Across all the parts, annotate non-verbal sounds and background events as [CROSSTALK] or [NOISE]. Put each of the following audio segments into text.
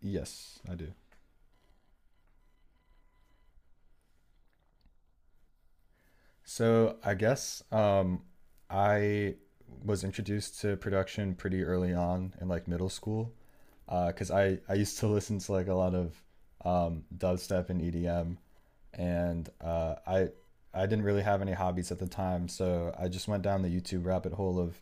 Yes, I do. So I guess I was introduced to production pretty early on in like middle school because I used to [LAUGHS] listen to like a lot of dubstep and EDM and I didn't really have any hobbies at the time, so I just went down the YouTube rabbit hole of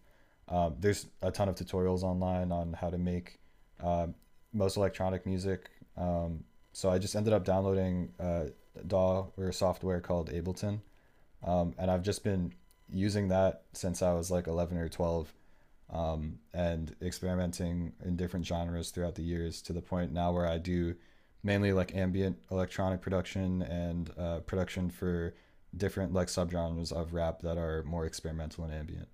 there's a ton of tutorials online on how to make uh, most electronic music um, so I just ended up downloading DAW or software called Ableton. And I've just been using that since I was like 11 or 12, and experimenting in different genres throughout the years to the point now where I do mainly like ambient electronic production and production for different like subgenres of rap that are more experimental and ambient.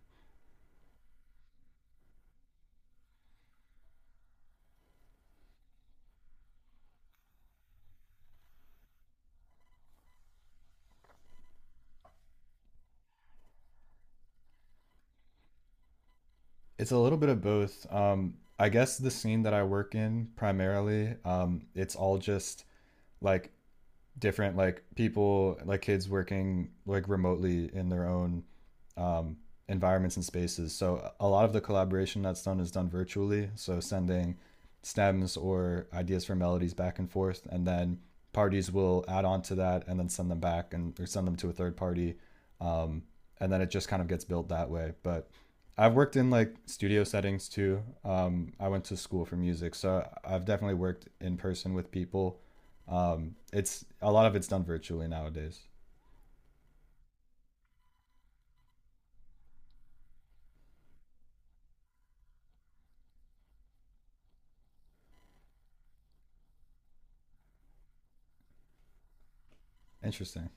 It's a little bit of both. I guess the scene that I work in primarily, it's all just like different like people like kids working like remotely in their own um, environments and spaces, so a lot of the collaboration that's done is done virtually, so sending stems or ideas for melodies back and forth, and then parties will add on to that and then send them back and or send them to a third party, um, and then it just kind of gets built that way. But I've worked in like studio settings too. I went to school for music, so I've definitely worked in person with people. It's a lot of it's done virtually nowadays. Interesting.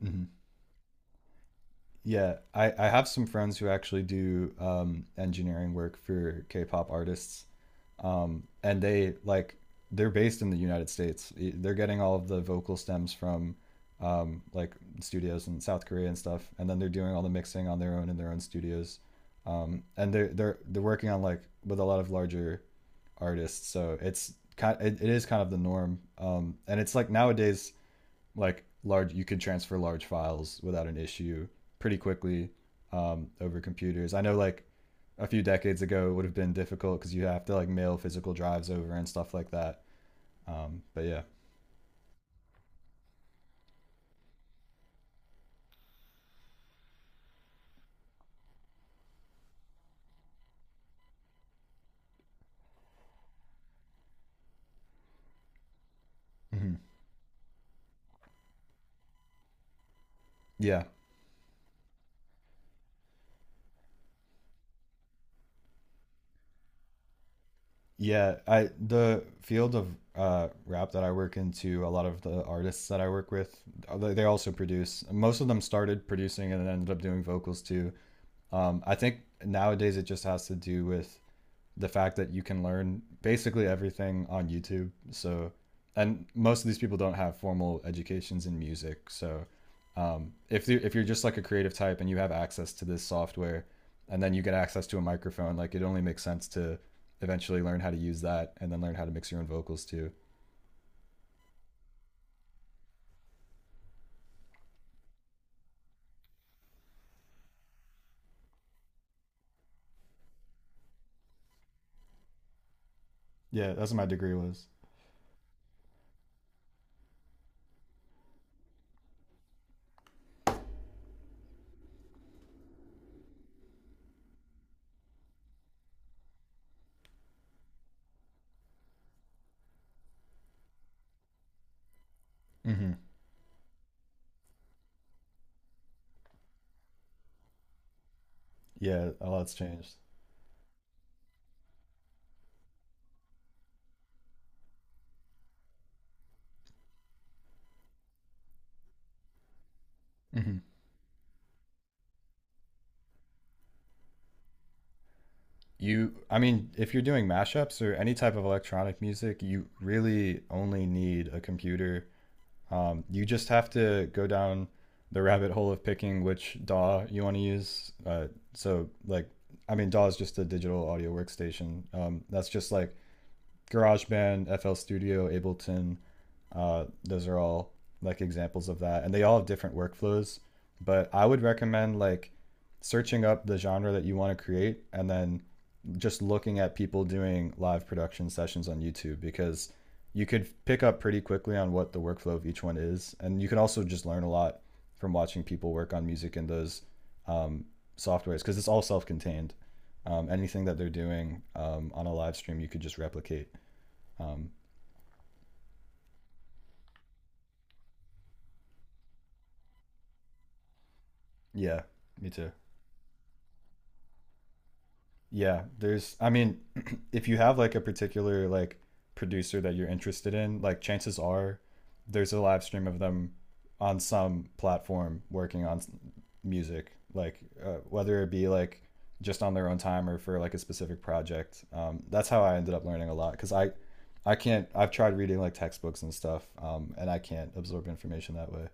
Hmm. Yeah, I have some friends who actually do engineering work for K-pop artists, and they like they're based in the United States. I- They're getting all of the vocal stems from like studios in South Korea and stuff, and then they're doing all the mixing on their own in their own studios. And they're working on like with a lot of larger artists, so it's kind it, it is kind of the norm. And it's like nowadays like large, you can transfer large files without an issue pretty quickly over computers. I know like a few decades ago it would have been difficult because you have to like mail physical drives over and stuff like that. But yeah, hmm, yeah, yeah. I the field of rap that I work into, a lot of the artists that I work with, they also produce. Most of them started producing and ended up doing vocals too. I think nowadays it just has to do with the fact that you can learn basically everything on YouTube. So, and most of these people don't have formal educations in music. So, if you if you're just like a creative type and you have access to this software, and then you get access to a microphone, like it only makes sense to eventually learn how to use that and then learn how to mix your own vocals too. Yeah, that's what my degree was. Mm-hmm. Yeah, a lot's changed. Mm-hmm. You, I mean, if you're doing mashups or any type of electronic music, you really only need a computer. You just have to go down the rabbit hole of picking which DAW you want to use. So, like, I mean, DAW is just a digital audio workstation. That's just like GarageBand, FL Studio, Ableton. Those are all like examples of that, and they all have different workflows. But I would recommend like searching up the genre that you want to create and then just looking at people doing live production sessions on YouTube, because you could pick up pretty quickly on what the workflow of each one is. And you can also just learn a lot from watching people work on music in those um, softwares, because it's all self contained. Anything that they're doing on a live stream, you could just replicate. Um, yeah, me too. Yeah, there's I mean, [CLEARS THROAT] if you have like a particular like producer that you're interested in, like chances are there's a live stream of them on some platform working on s- music, like whether it be like just on their own time or for like a specific project. That's how I ended up learning a lot, because I can't I've tried reading like textbooks and stuff, and I can't absorb information that way.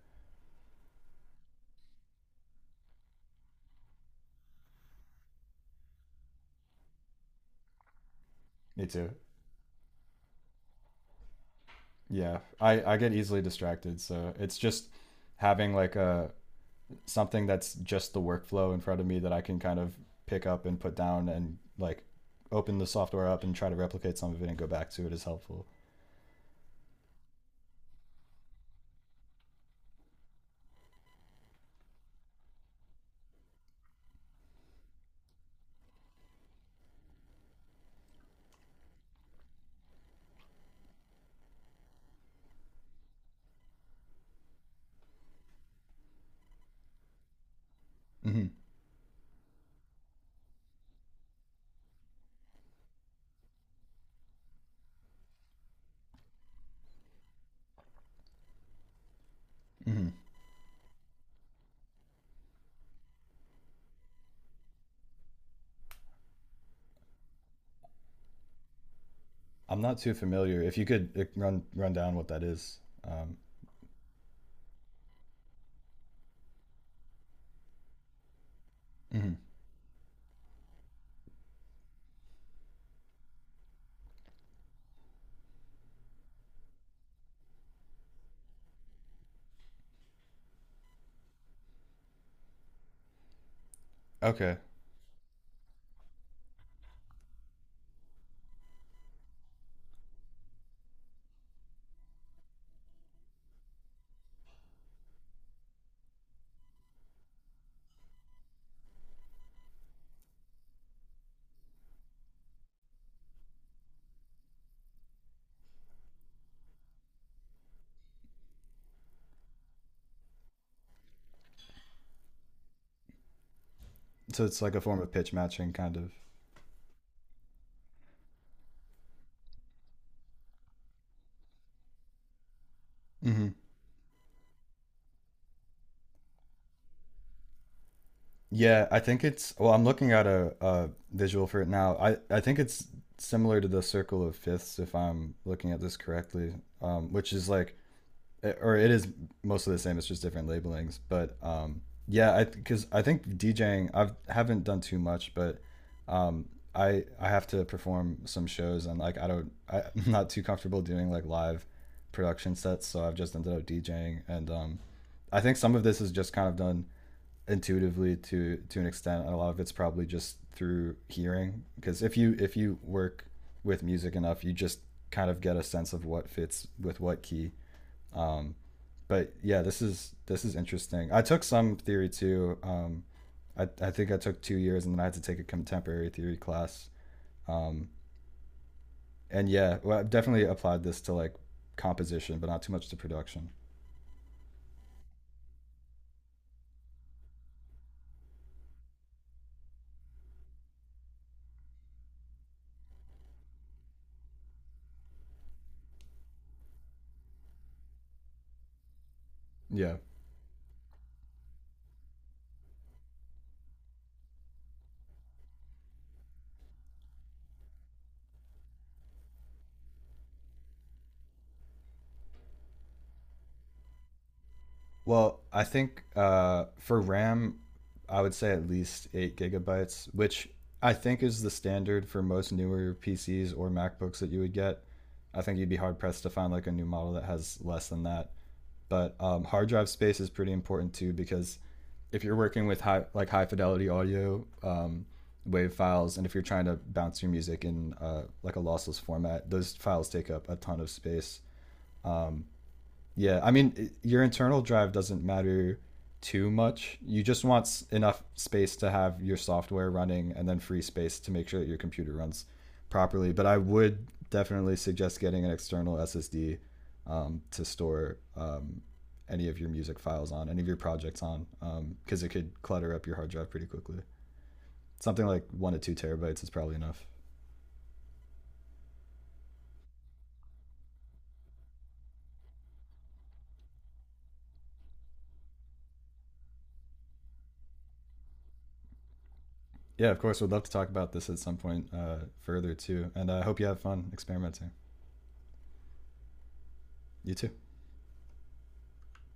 Me too. Yeah, I get easily distracted, so it's just having like a something that's just the workflow in front of me that I can kind of pick up and put down and like open the software up and try to replicate some of it and go back to it is helpful. Mm-hmm. Mm-hmm. I'm not too familiar. If you could run down what that is. Um, mhm. Okay, so it's like a form of pitch matching, kind of. Hmm. Yeah, I think it's. Well, I'm looking at a visual for it now. I think it's similar to the circle of fifths, if I'm looking at this correctly, which is like or it is mostly the same. It's just different labelings. But yeah, I because I think DJing I've haven't done too much, but um, I have to perform some shows and like I don't I, [LAUGHS] I'm not too comfortable doing like live production sets, so I've just ended up DJing, and I think some of this is just kind of done intuitively to an extent, and a lot of it's probably just through hearing, because if you work with music enough, you just kind of get a sense of what fits with what key. Um, but yeah, this is interesting. I took some theory too. I think I took 2 years, and then I had to take a contemporary theory class. Um, and yeah, well, I've definitely applied this to like composition, but not too much to production. Yeah. Well, I think for RAM, I would say at least 8 GB, which I think is the standard for most newer PCs or MacBooks that you would get. I think you'd be hard pressed to find like a new model that has less than that. But hard drive space is pretty important too, because if you're working with high like high fidelity audio wave files, and if you're trying to bounce your music in like a lossless format, those files take up a ton of space. Um, yeah, I mean, your internal drive doesn't matter too much. You just want enough space to have your software running and then free space to make sure that your computer runs properly. But I would definitely suggest getting an external SSD to store any of your music files on, any of your projects on, because it could clutter up your hard drive pretty quickly. Something like one to two terabytes is probably enough. Yeah, of course, we'd love to talk about this at some point further too. And I hope you have fun experimenting. You too.